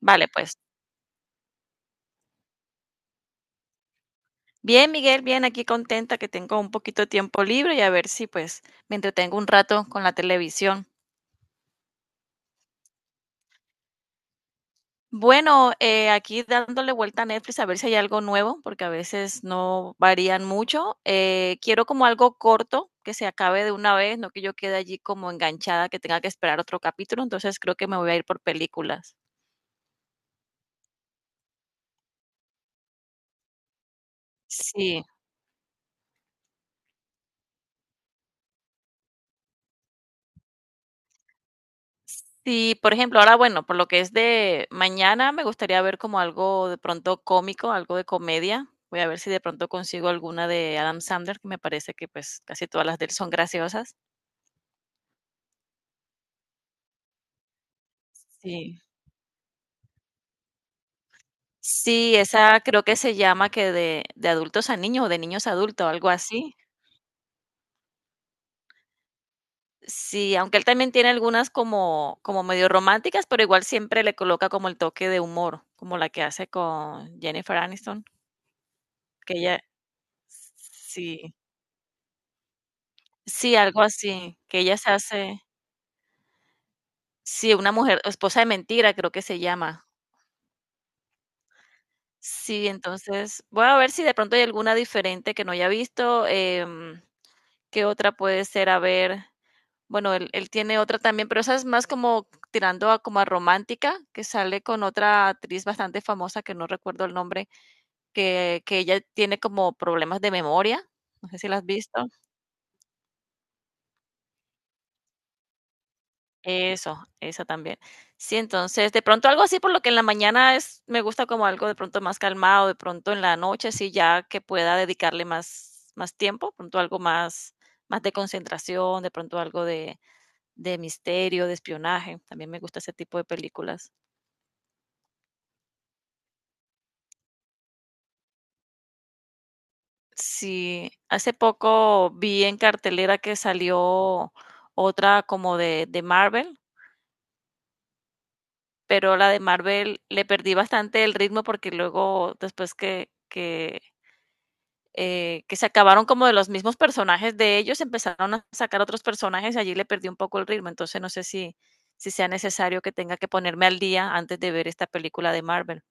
Vale, pues. Bien, Miguel, bien, aquí contenta que tengo un poquito de tiempo libre y a ver si pues me entretengo un rato con la televisión. Bueno, aquí dándole vuelta a Netflix a ver si hay algo nuevo, porque a veces no varían mucho. Quiero como algo corto, que se acabe de una vez, no que yo quede allí como enganchada, que tenga que esperar otro capítulo, entonces creo que me voy a ir por películas. Sí. Sí, por ejemplo, ahora, bueno, por lo que es de mañana, me gustaría ver como algo de pronto cómico, algo de comedia. Voy a ver si de pronto consigo alguna de Adam Sandler, que me parece que pues casi todas las de él son graciosas. Sí. Sí, esa creo que se llama que de adultos a niños o de niños a adultos, algo así. Sí, aunque él también tiene algunas como medio románticas, pero igual siempre le coloca como el toque de humor, como la que hace con Jennifer Aniston, que ella, sí. Sí, algo así, que ella se hace sí, una mujer esposa de mentira, creo que se llama. Sí, entonces, voy a ver si de pronto hay alguna diferente que no haya visto, ¿qué otra puede ser? A ver, bueno, él tiene otra también, pero esa es más como tirando a como a romántica, que sale con otra actriz bastante famosa, que no recuerdo el nombre, que ella tiene como problemas de memoria, no sé si la has visto. Eso también. Sí, entonces, de pronto algo así, por lo que en la mañana es, me gusta como algo de pronto más calmado, de pronto en la noche, sí, ya que pueda dedicarle más tiempo, de pronto algo más de concentración, de pronto algo de misterio, de espionaje. También me gusta ese tipo de películas. Sí, hace poco vi en cartelera que salió otra como de Marvel, pero la de Marvel le perdí bastante el ritmo porque luego, después que se acabaron como de los mismos personajes de ellos, empezaron a sacar otros personajes y allí le perdí un poco el ritmo. Entonces no sé si sea necesario que tenga que ponerme al día antes de ver esta película de Marvel.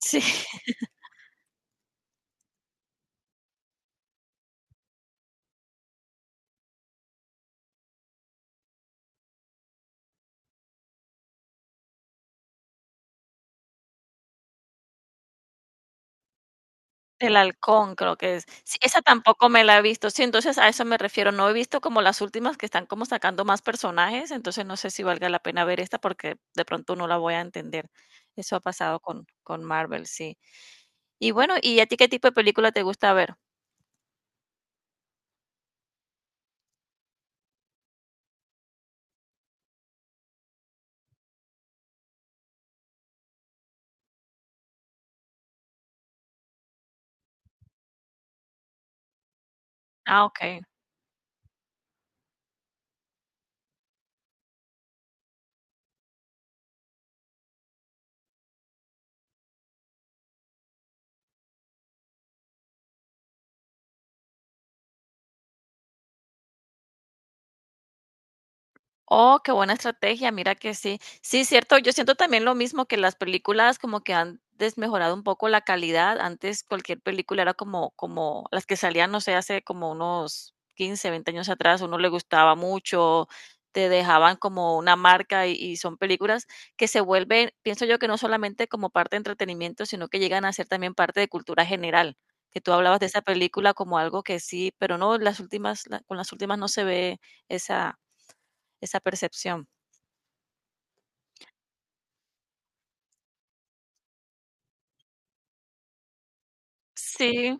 Sí, El Halcón creo que es. Sí, esa tampoco me la he visto. Sí, entonces a eso me refiero. No he visto como las últimas que están como sacando más personajes, entonces no sé si valga la pena ver esta porque de pronto no la voy a entender. Eso ha pasado con Marvel, sí. Y bueno, ¿y a ti qué tipo de película te gusta ver? Ah, okey. Oh, qué buena estrategia, mira que sí. Sí, cierto, yo siento también lo mismo que las películas como que han desmejorado un poco la calidad. Antes cualquier película era como las que salían, no sé, hace como unos 15, 20 años atrás, a uno le gustaba mucho, te dejaban como una marca y son películas que se vuelven, pienso yo que no solamente como parte de entretenimiento, sino que llegan a ser también parte de cultura general, que tú hablabas de esa película como algo que sí, pero no, las últimas la con las últimas no se ve esa esa percepción. Sí,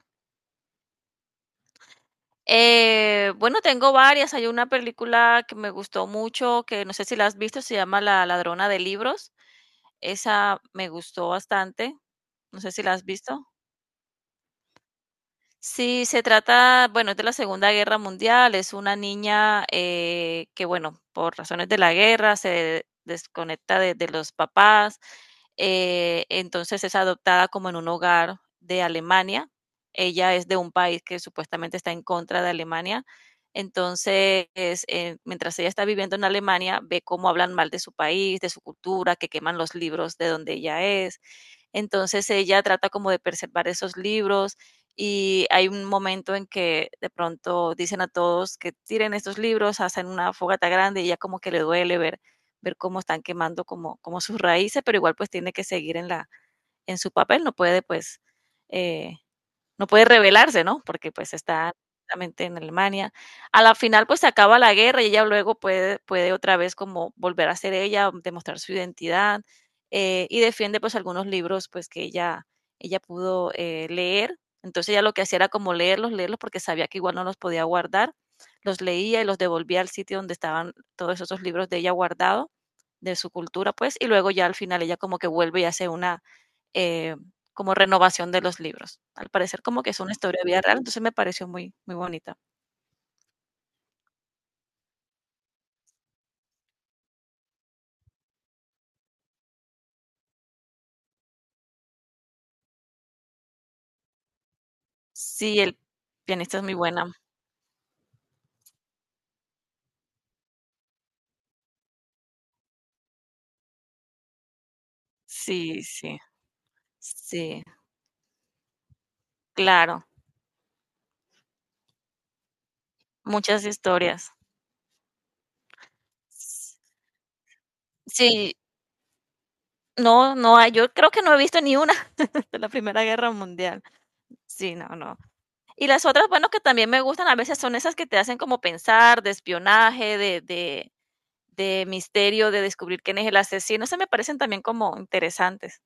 bueno, tengo varias. Hay una película que me gustó mucho, que no sé si la has visto, se llama La ladrona de libros. Esa me gustó bastante. No sé si la has visto. Sí, se trata, bueno, es de la Segunda Guerra Mundial, es una niña que, bueno, por razones de la guerra se desconecta de los papás, entonces es adoptada como en un hogar de Alemania. Ella es de un país que supuestamente está en contra de Alemania, entonces mientras ella está viviendo en Alemania, ve cómo hablan mal de su país, de su cultura, que queman los libros de donde ella es. Entonces ella trata como de preservar esos libros y hay un momento en que de pronto dicen a todos que tiren estos libros, hacen una fogata grande y ya como que le duele ver cómo están quemando como sus raíces, pero igual pues tiene que seguir en su papel, eh, no puede rebelarse, ¿no? Porque, pues, está justamente en Alemania. A la final, pues, se acaba la guerra y ella luego puede otra vez como volver a ser ella, demostrar su identidad, y defiende, pues, algunos libros, pues, que ella pudo, leer. Entonces, ella lo que hacía era como leerlos, leerlos, porque sabía que igual no los podía guardar. Los leía y los devolvía al sitio donde estaban todos esos libros de ella guardado, de su cultura, pues, y luego ya al final ella como que vuelve y hace una, eh, como renovación de los libros. Al parecer como que es una historia de vida real, entonces me pareció muy, muy bonita. Sí, el pianista es muy buena. Sí, sí, sí, claro, muchas historias. Sí, no, no hay, yo creo que no he visto ni una de la Primera Guerra Mundial. Sí, no, no. Y las otras, bueno, que también me gustan a veces son esas que te hacen como pensar, de espionaje, de misterio, de descubrir quién es el asesino, esas me parecen también como interesantes.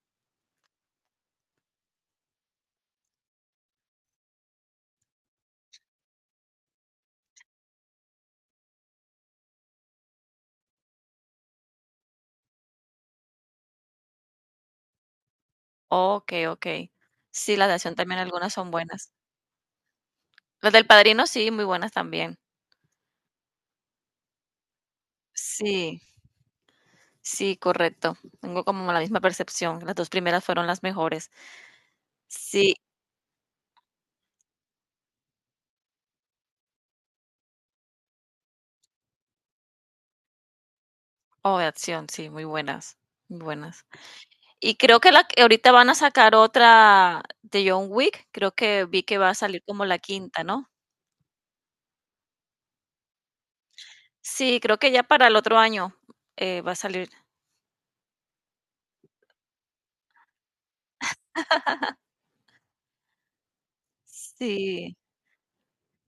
Okey, okey. Sí, las de acción también algunas son buenas. Las del Padrino sí, muy buenas también. Sí, sí, correcto. Tengo como la misma percepción. Las 2 primeras fueron las mejores. Sí, o de acción, sí, muy buenas, muy buenas. Y creo que la que ahorita van a sacar otra de John Wick, creo que vi que va a salir como la quinta, ¿no? Sí, creo que ya para el otro año, va a salir. Sí.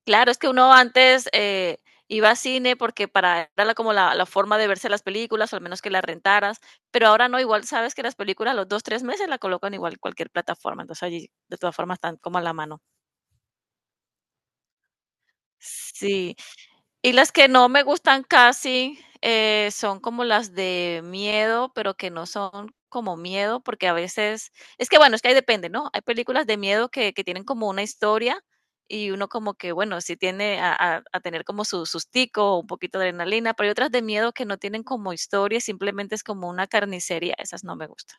Claro, es que uno antes, iba a cine porque para era la como la la forma de verse las películas, o al menos que las rentaras, pero ahora no, igual sabes que las películas a los 2 3 meses la colocan igual en cualquier plataforma, entonces allí de todas formas están como a la mano. Sí. Y las que no me gustan casi, son como las de miedo, pero que no son como miedo, porque a veces, es que bueno, es que ahí depende, ¿no? Hay películas de miedo que tienen como una historia y uno como que, bueno, sí tiene a tener como su sustico, un poquito de adrenalina, pero hay otras de miedo que no tienen como historia, simplemente es como una carnicería, esas no me gustan.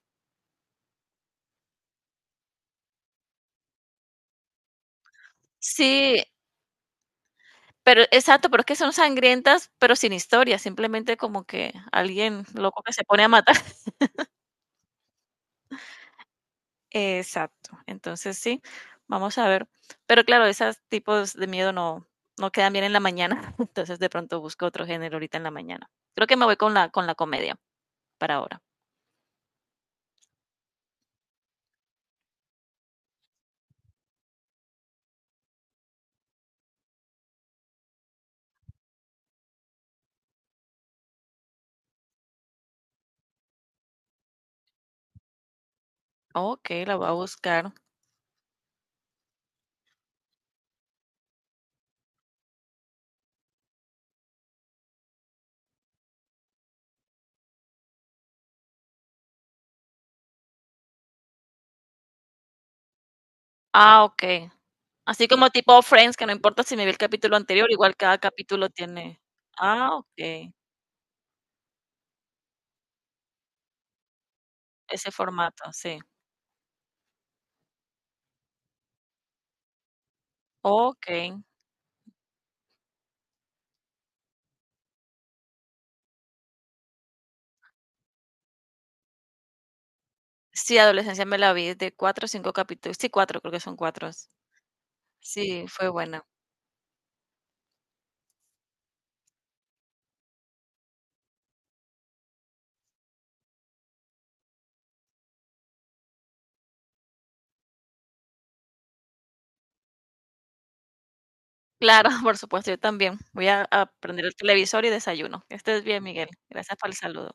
Sí, pero exacto, pero es que son sangrientas, pero sin historia, simplemente como que alguien loco que se pone a matar. Exacto. Entonces sí, vamos a ver. Pero claro, esos tipos de miedo no, no quedan bien en la mañana, entonces de pronto busco otro género ahorita en la mañana. Creo que me voy con la comedia para ahora. Ok, la voy a buscar. Ah, ok. Así como tipo Friends, que no importa si me vi el capítulo anterior, igual cada capítulo tiene. Ah, ok. Ese formato, sí. Ok. Sí, Adolescencia me la vi de 4 o 5 capítulos. Sí, 4, creo que son 4. Sí, fue buena. Claro, por supuesto, yo también. Voy a prender el televisor y desayuno. Estés bien, Miguel. Gracias por el saludo.